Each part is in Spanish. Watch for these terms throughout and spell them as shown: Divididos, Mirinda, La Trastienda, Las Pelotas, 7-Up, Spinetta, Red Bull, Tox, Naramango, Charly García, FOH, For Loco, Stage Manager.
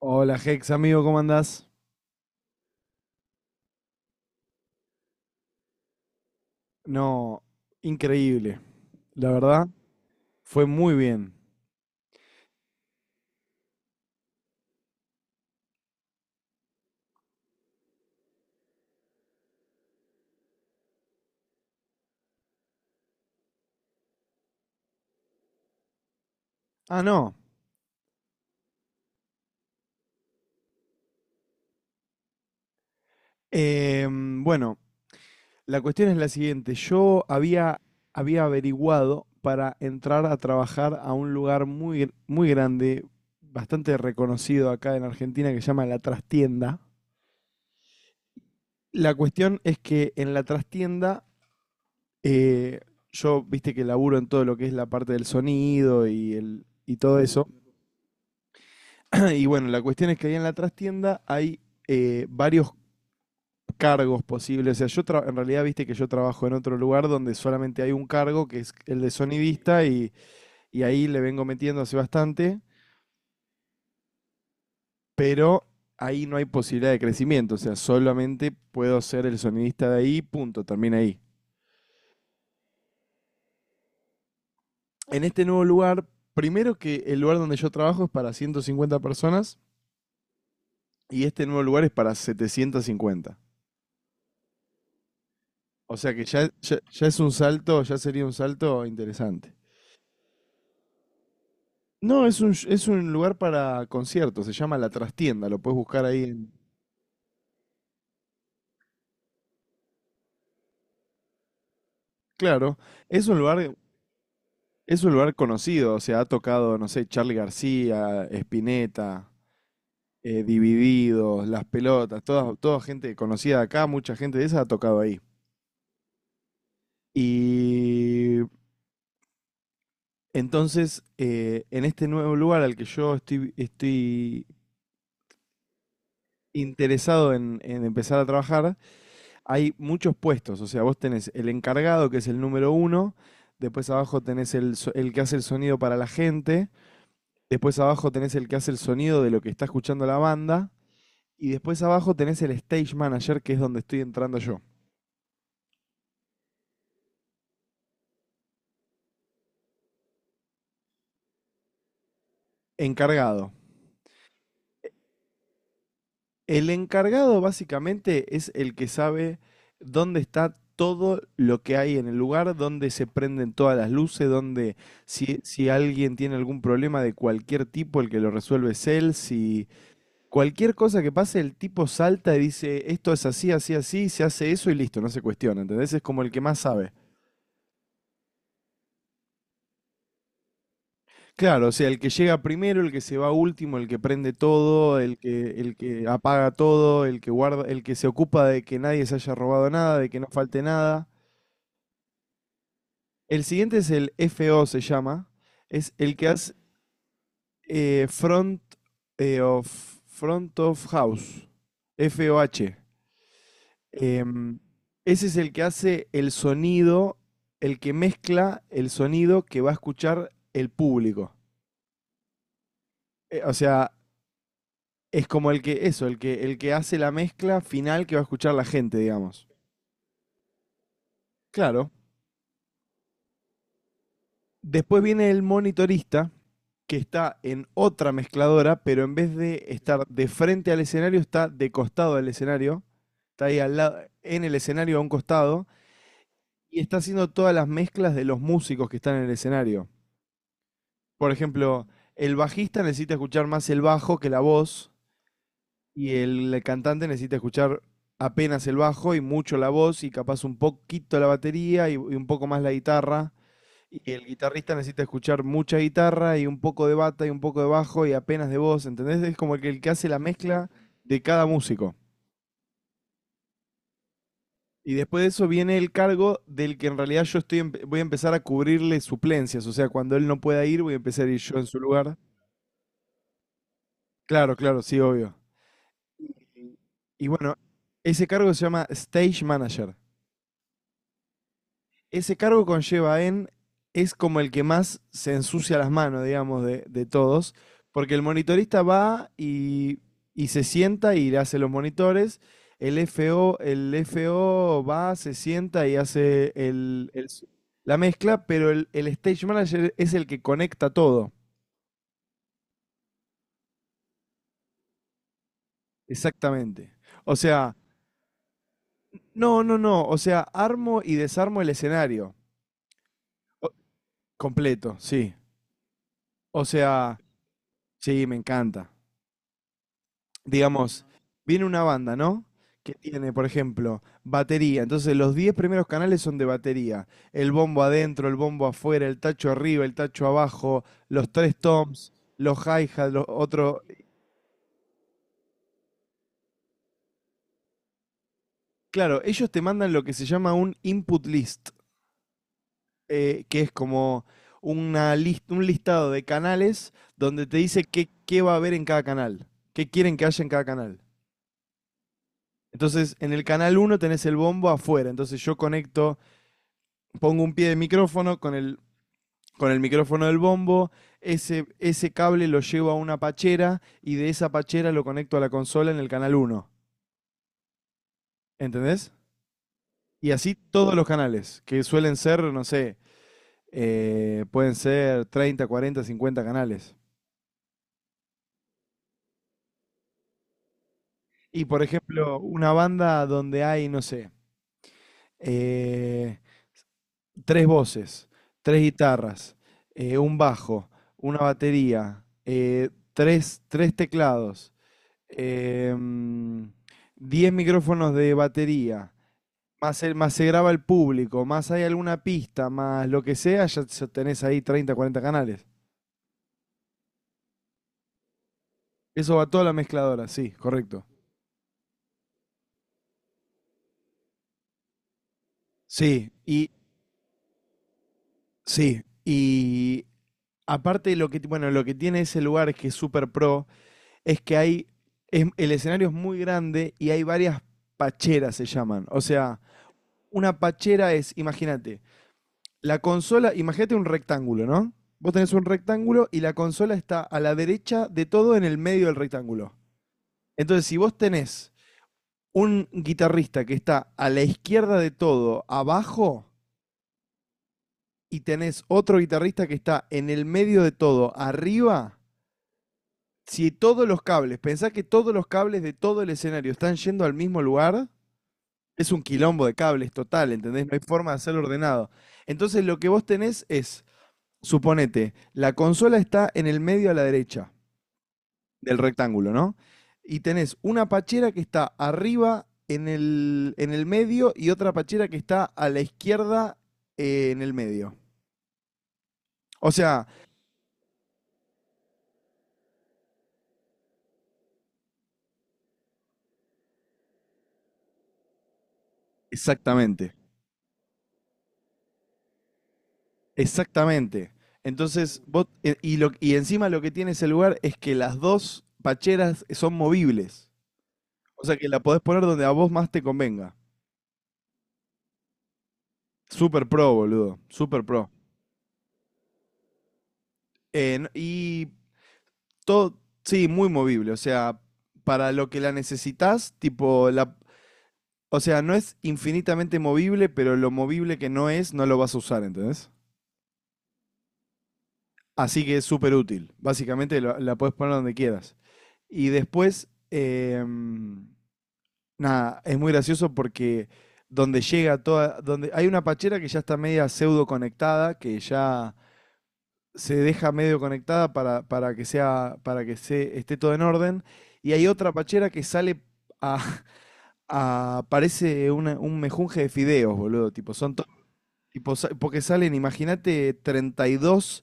Hola Hex, amigo, ¿cómo andás? No, increíble. La verdad, fue muy bien. Ah, no. Bueno, la cuestión es la siguiente. Yo había averiguado para entrar a trabajar a un lugar muy grande, bastante reconocido acá en Argentina, que se llama La Trastienda. La cuestión es que en La Trastienda, eh, yo, viste que laburo en todo lo que es la parte del sonido y todo eso. Y bueno, la cuestión es que ahí en la trastienda hay varios cargos posibles. O sea, en realidad viste que yo trabajo en otro lugar donde solamente hay un cargo, que es el de sonidista, y ahí le vengo metiendo hace bastante, pero ahí no hay posibilidad de crecimiento. O sea, solamente puedo ser el sonidista de ahí, punto, termina ahí. En este nuevo lugar, primero que el lugar donde yo trabajo es para 150 personas y este nuevo lugar es para 750. O sea que ya, ya, ya es un salto, ya sería un salto interesante. No, es un lugar para conciertos, se llama La Trastienda, lo puedes buscar ahí en... Claro, es un lugar, es un lugar conocido, o sea, ha tocado, no sé, Charly García, Spinetta, Divididos, Las Pelotas, toda, toda gente conocida de acá, mucha gente de esa ha tocado ahí. Y entonces, en este nuevo lugar al que yo estoy interesado en empezar a trabajar, hay muchos puestos. O sea, vos tenés el encargado, que es el número uno. Después abajo tenés el que hace el sonido para la gente. Después abajo tenés el que hace el sonido de lo que está escuchando la banda. Y después abajo tenés el stage manager, que es donde estoy entrando yo. Encargado. El encargado básicamente es el que sabe dónde está todo lo que hay en el lugar, dónde se prenden todas las luces, dónde si alguien tiene algún problema de cualquier tipo, el que lo resuelve es él. Si Cualquier cosa que pase, el tipo salta y dice, esto es así, así, así, se hace eso y listo, no se cuestiona, ¿entendés? Es como el que más sabe. Claro, o sea, el que llega primero, el que se va último, el que prende todo, el que apaga todo, el que guarda, el que se ocupa de que nadie se haya robado nada, de que no falte nada. El siguiente es el FO, se llama. Es el que hace eh, front, eh, of, front of house. FOH. Em, Ese es el que hace el sonido, el que mezcla el sonido que va a escuchar el público. O sea, es como el que hace la mezcla final que va a escuchar la gente, digamos. Claro. Después viene el monitorista, que está en otra mezcladora, pero en vez de estar de frente al escenario, está de costado al escenario. Está ahí al lado, en el escenario a un costado, y está haciendo todas las mezclas de los músicos que están en el escenario. Por ejemplo, el bajista necesita escuchar más el bajo que la voz y el cantante necesita escuchar apenas el bajo y mucho la voz y capaz un poquito la batería y un poco más la guitarra. Y el guitarrista necesita escuchar mucha guitarra y un poco de bata y un poco de bajo y apenas de voz, ¿entendés? Es como que el que hace la mezcla de cada músico. Y después de eso viene el cargo del que en realidad voy a empezar a cubrirle suplencias, o sea, cuando él no pueda ir voy a empezar a ir yo en su lugar. Claro, claro, sí, obvio. Y bueno, ese cargo se llama Stage Manager. Ese cargo es como el que más se ensucia las manos, digamos, de todos, porque el monitorista va y se sienta y le hace los monitores. El FO va, se sienta y hace el la mezcla, pero el stage manager es el que conecta todo. Exactamente. O sea, no, no, no. O sea, armo y desarmo el escenario. O- Completo, sí. O sea, sí, me encanta. Digamos, viene una banda, ¿no? Que tiene, por ejemplo, batería. Entonces, los 10 primeros canales son de batería. El bombo adentro, el bombo afuera, el tacho arriba, el tacho abajo, los tres toms, los hi-hats, los otros. Claro, ellos te mandan lo que se llama un input list, que es como un listado de canales donde te dice qué va a haber en cada canal, qué quieren que haya en cada canal. Entonces, en el canal uno tenés el bombo afuera. Entonces, yo conecto, pongo un pie de micrófono con el micrófono del bombo. Ese cable lo llevo a una pachera y de esa pachera lo conecto a la consola en el canal uno. ¿Entendés? Y así todos los canales, que suelen ser, no sé, pueden ser 30, 40, 50 canales. Y por ejemplo, una banda donde hay, no sé, eh, 3 voces, tres guitarras, un bajo, una batería, tres teclados, em, 10 micrófonos de batería, más, más se graba el público, más hay alguna pista, más lo que sea, tenés ahí 30, 40 canales. Eso va toda la mezcladora, sí, correcto. Sí, y sí, y aparte lo que, bueno, lo que tiene ese lugar es que es súper pro, es que hay, el escenario es muy grande y hay varias pacheras, se llaman. O sea, una pachera es, imagínate, la consola, imagínate un rectángulo, ¿no? Vos tenés un rectángulo y la consola está a la derecha de todo en el medio del rectángulo. Entonces, si vos tenés un guitarrista que está a la izquierda de todo, abajo, y tenés otro guitarrista que está en el medio de todo, arriba, si todos los cables, pensá que todos los cables de todo el escenario están yendo al mismo lugar, es un quilombo de cables total, ¿entendés? No hay forma de hacerlo ordenado. Entonces lo que vos tenés es, suponete, la consola está en el medio a la derecha del rectángulo, ¿no? Y tenés una pachera que está arriba en el medio y otra pachera que está a la izquierda en el medio. O sea, exactamente, exactamente. Entonces, vos, e- y, lo, y encima lo que tiene ese lugar es que las dos pacheras son movibles. O sea que la podés poner donde a vos más te convenga. Super pro, boludo. Super pro. Eh, no- y todo, sí, muy movible. O sea, para lo que la necesitas, o sea, no es infinitamente movible, pero lo movible que no es, no lo vas a usar, ¿entendés? Así que es súper útil. Básicamente la puedes poner donde quieras. Y después, nada, es muy gracioso porque donde llega toda, donde hay una pachera que ya está media pseudo conectada, que ya se deja medio conectada para que sea, para que se, esté todo en orden. Y hay otra pachera que sale a, parece un mejunje de fideos, boludo. Tipo, son to- tipo, sa- porque salen, imagínate, 32,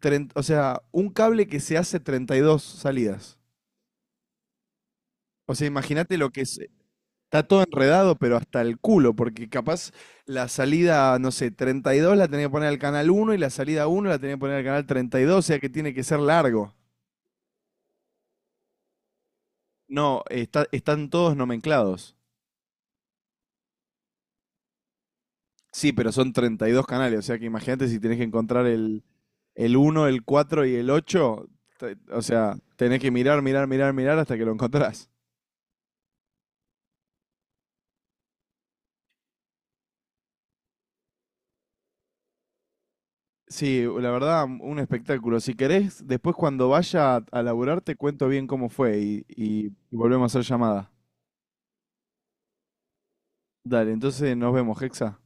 30, o sea, un cable que se hace 32 salidas. O sea, imagínate lo que es. Está todo enredado, pero hasta el culo, porque capaz la salida, no sé, 32 la tenía que poner al canal uno y la salida uno la tenía que poner al canal 32, o sea que tiene que ser largo. No, están todos nomenclados. Sí, pero son 32 canales, o sea que imagínate si tenés que encontrar el uno, el 4 y el 8, o sea, tenés que mirar, mirar, mirar, mirar hasta que lo encontrás. Sí, la verdad, un espectáculo. Si querés, después cuando vaya a laburar te cuento bien cómo fue y volvemos a hacer llamada. Dale, entonces nos vemos, Hexa.